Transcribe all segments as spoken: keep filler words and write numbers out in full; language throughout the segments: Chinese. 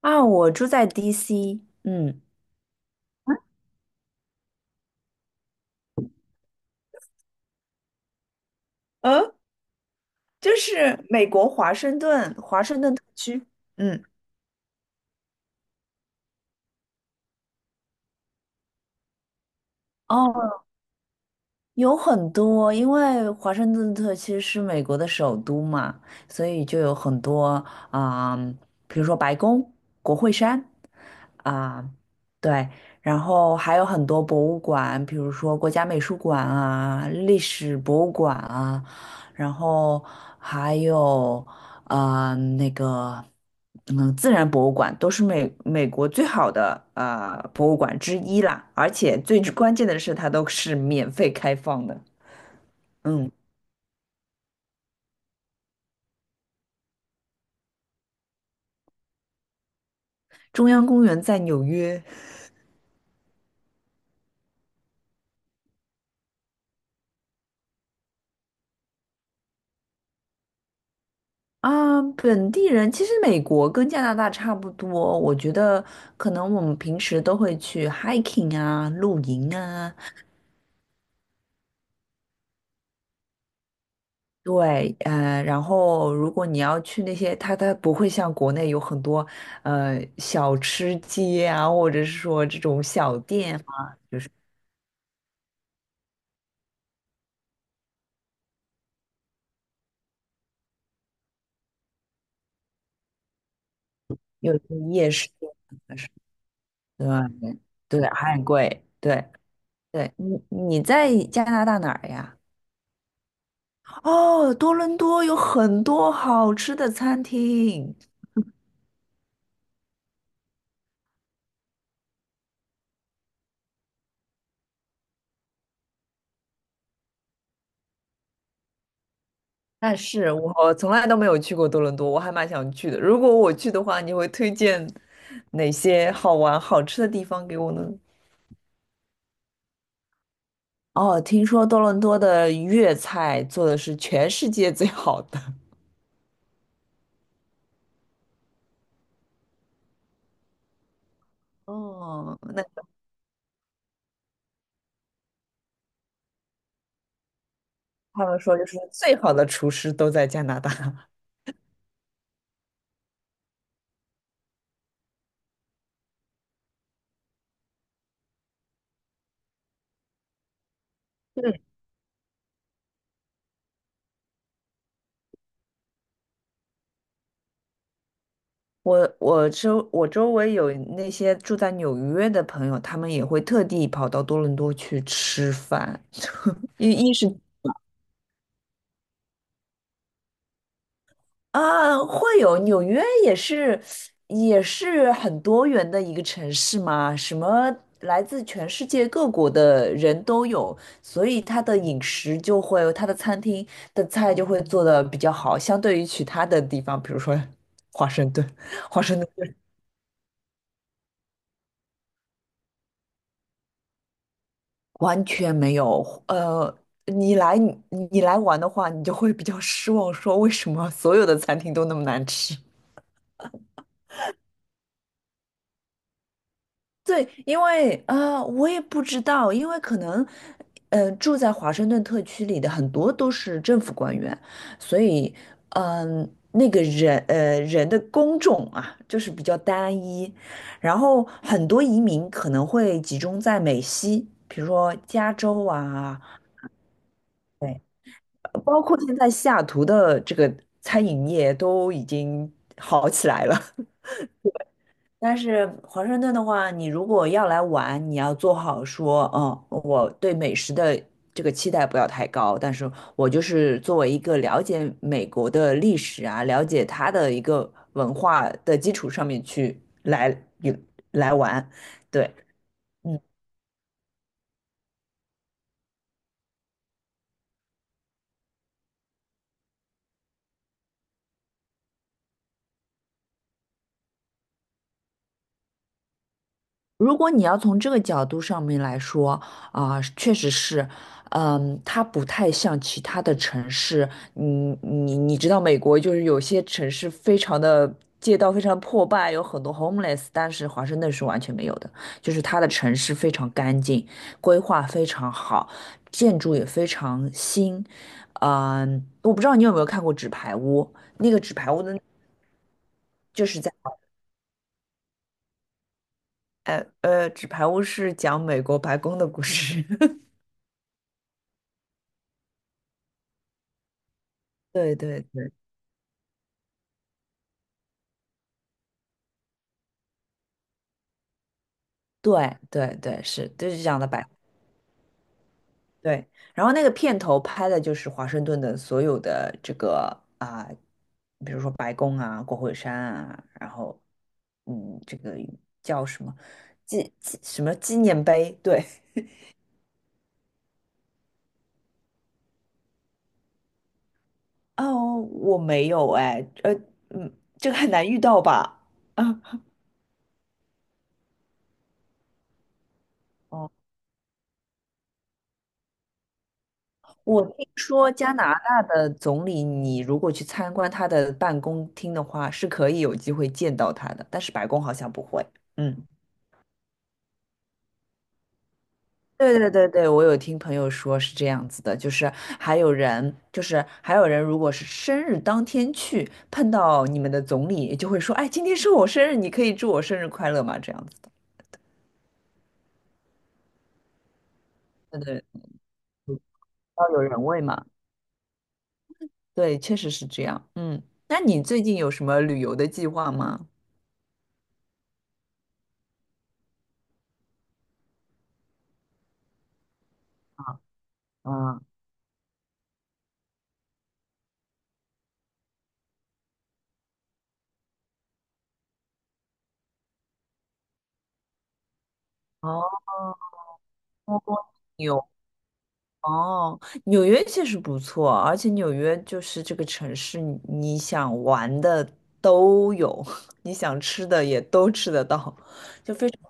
啊，我住在 D C，嗯，嗯，就是美国华盛顿，华盛顿特区。嗯，哦，有很多，因为华盛顿特区是美国的首都嘛，所以就有很多啊、比如说白宫、国会山啊、对，然后还有很多博物馆，比如说国家美术馆啊、历史博物馆啊，然后还有呃，那个，嗯，自然博物馆都是美美国最好的啊呃博物馆之一啦，而且最关键的是它都是免费开放的。嗯，中央公园在纽约啊，本地人其实美国跟加拿大差不多，我觉得可能我们平时都会去 hiking 啊、露营啊，对，呃，然后如果你要去那些，它它不会像国内有很多，呃，小吃街啊，或者是说这种小店啊，有一些夜市啊什么的，对对，还很贵，对对，你你在加拿大哪儿呀？哦，多伦多有很多好吃的餐厅，但是我从来都没有去过多伦多，我还蛮想去的。如果我去的话，你会推荐哪些好玩好吃的地方给我呢？哦，听说多伦多的粤菜做的是全世界最好的。哦，那他们说就是最好的厨师都在加拿大。我我周我周围有那些住在纽约的朋友，他们也会特地跑到多伦多去吃饭，因为一是啊，会有纽约也是，也是很多元的一个城市嘛，什么来自全世界各国的人都有，所以它的饮食就会，它的餐厅的菜就会做的比较好，相对于其他的地方，比如说华盛顿，华盛顿完全没有。呃，你来你来玩的话，你就会比较失望，说为什么所有的餐厅都那么难吃？对，因为啊、呃我也不知道，因为可能，呃，住在华盛顿特区里的很多都是政府官员，所以，嗯、那个人，呃，人的工种啊，就是比较单一，然后很多移民可能会集中在美西，比如说加州啊，对，呃包括现在西雅图的这个餐饮业都已经好起来了。但是华盛顿的话，你如果要来玩，你要做好说，嗯，我对美食的这个期待不要太高，但是我就是作为一个了解美国的历史啊，了解它的一个文化的基础上面去来有来玩，对。嗯。如果你要从这个角度上面来说，啊、确实是，嗯，它不太像其他的城市，你你你知道美国就是有些城市非常的街道非常破败，有很多 homeless，但是华盛顿是完全没有的，就是它的城市非常干净，规划非常好，建筑也非常新，嗯，我不知道你有没有看过《纸牌屋》，那个《纸牌屋》的，就是在。呃呃，《纸牌屋》是讲美国白宫的故事。对对对对对对，是就是这样的摆。对，然后那个片头拍的就是华盛顿的所有的这个啊、比如说白宫啊、国会山啊，然后嗯，这个叫什么纪纪什么纪念碑？对，哦，我没有哎，呃，嗯，这个很难遇到吧？啊，我听说加拿大的总理，你如果去参观他的办公厅的话，是可以有机会见到他的，但是白宫好像不会。嗯，对对对对，我有听朋友说是这样子的，就是还有人，就是还有人，如果是生日当天去碰到你们的总理，就会说，哎，今天是我生日，你可以祝我生日快乐吗？这样子的，对对，要有人味嘛。对，确实是这样。嗯，那你最近有什么旅游的计划吗？啊，哦。哦，纽约确实不错，而且纽约就是这个城市，你想玩的都有，你想吃的也都吃得到，就非常。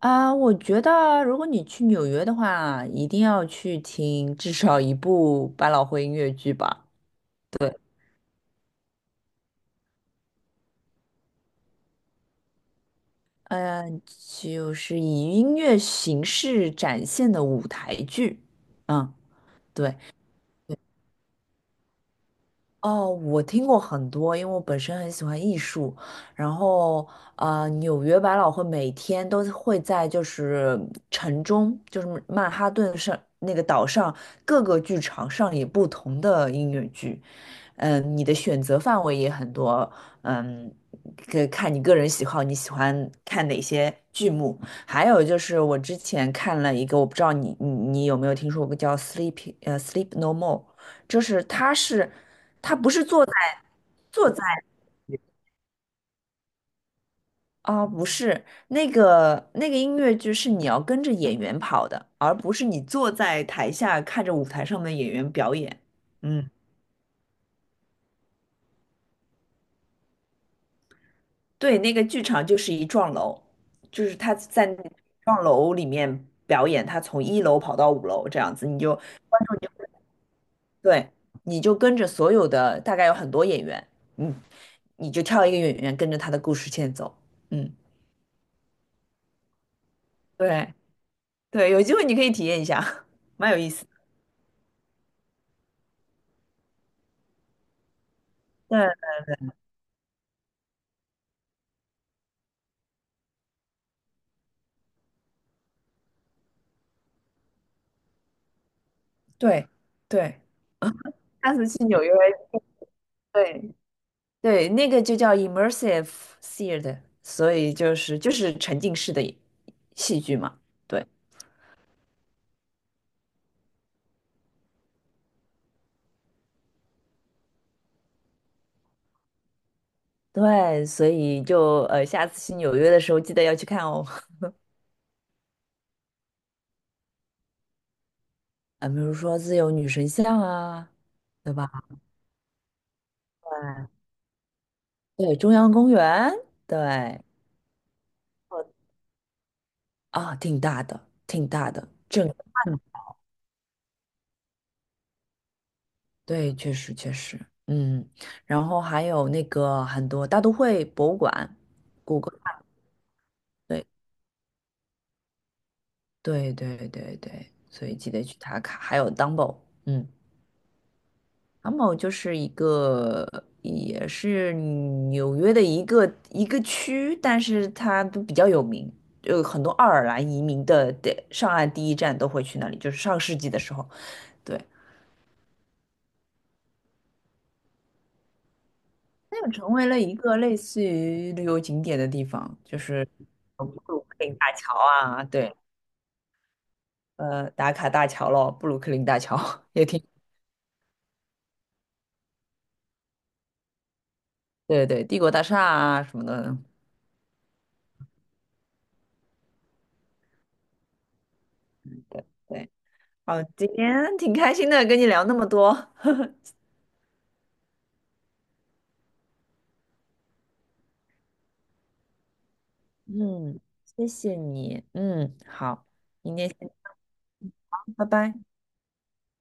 啊，我觉得如果你去纽约的话，一定要去听至少一部百老汇音乐剧吧。嗯、就是以音乐形式展现的舞台剧。嗯，对，哦，我听过很多，因为我本身很喜欢艺术，然后呃，纽约百老汇每天都会在就是城中，就是曼哈顿上那个岛上各个剧场上演不同的音乐剧，嗯，你的选择范围也很多，嗯，可以看你个人喜好，你喜欢看哪些剧目？还有就是我之前看了一个，我不知道你你你有没有听说过叫《Sleep》呃《Sleep No More》。就是它是不是？做。坐在啊，不是那个那个音乐剧是你要跟着演员跑的，而不是你坐在台下看着舞台上的演员表演。嗯，对，那个剧场就是一幢楼，就是他在那幢楼里面表演，他从一楼跑到五楼这样子，你就对，你就跟着所有的大概有很多演员，嗯，你就挑一个演员跟着他的故事线走，嗯，对对，有机会你可以体验一下，蛮有意思的。对对对。上次去纽约，对对，那个就叫 immersive theater，所以就是就是沉浸式的戏剧嘛。对对，所以就呃，下次去纽约的时候记得要去看哦。啊，比如说自由女神像啊，对吧？对，对，中央公园，对，啊，挺大的，挺大的。嗯，对，确实确实，嗯，然后还有那个很多大都会博物馆，谷歌。对。对对对对，所以记得去打卡。还有 Dumbo，嗯，Dumbo 就是一个也是纽约的一个一个区，但是它都比较有名，有很多爱尔兰移民的的上岸第一站都会去那里，就是上世纪的时候，对，它又成为了一个类似于旅游景点的地方，就是呃布鲁克林大桥啊，对，呃，打卡大桥咯，布鲁克林大桥 也挺，对对，帝国大厦啊什么的。对。好，今天挺开心的，跟你聊那么多。嗯，谢谢你。嗯，好，明天先这样拜拜。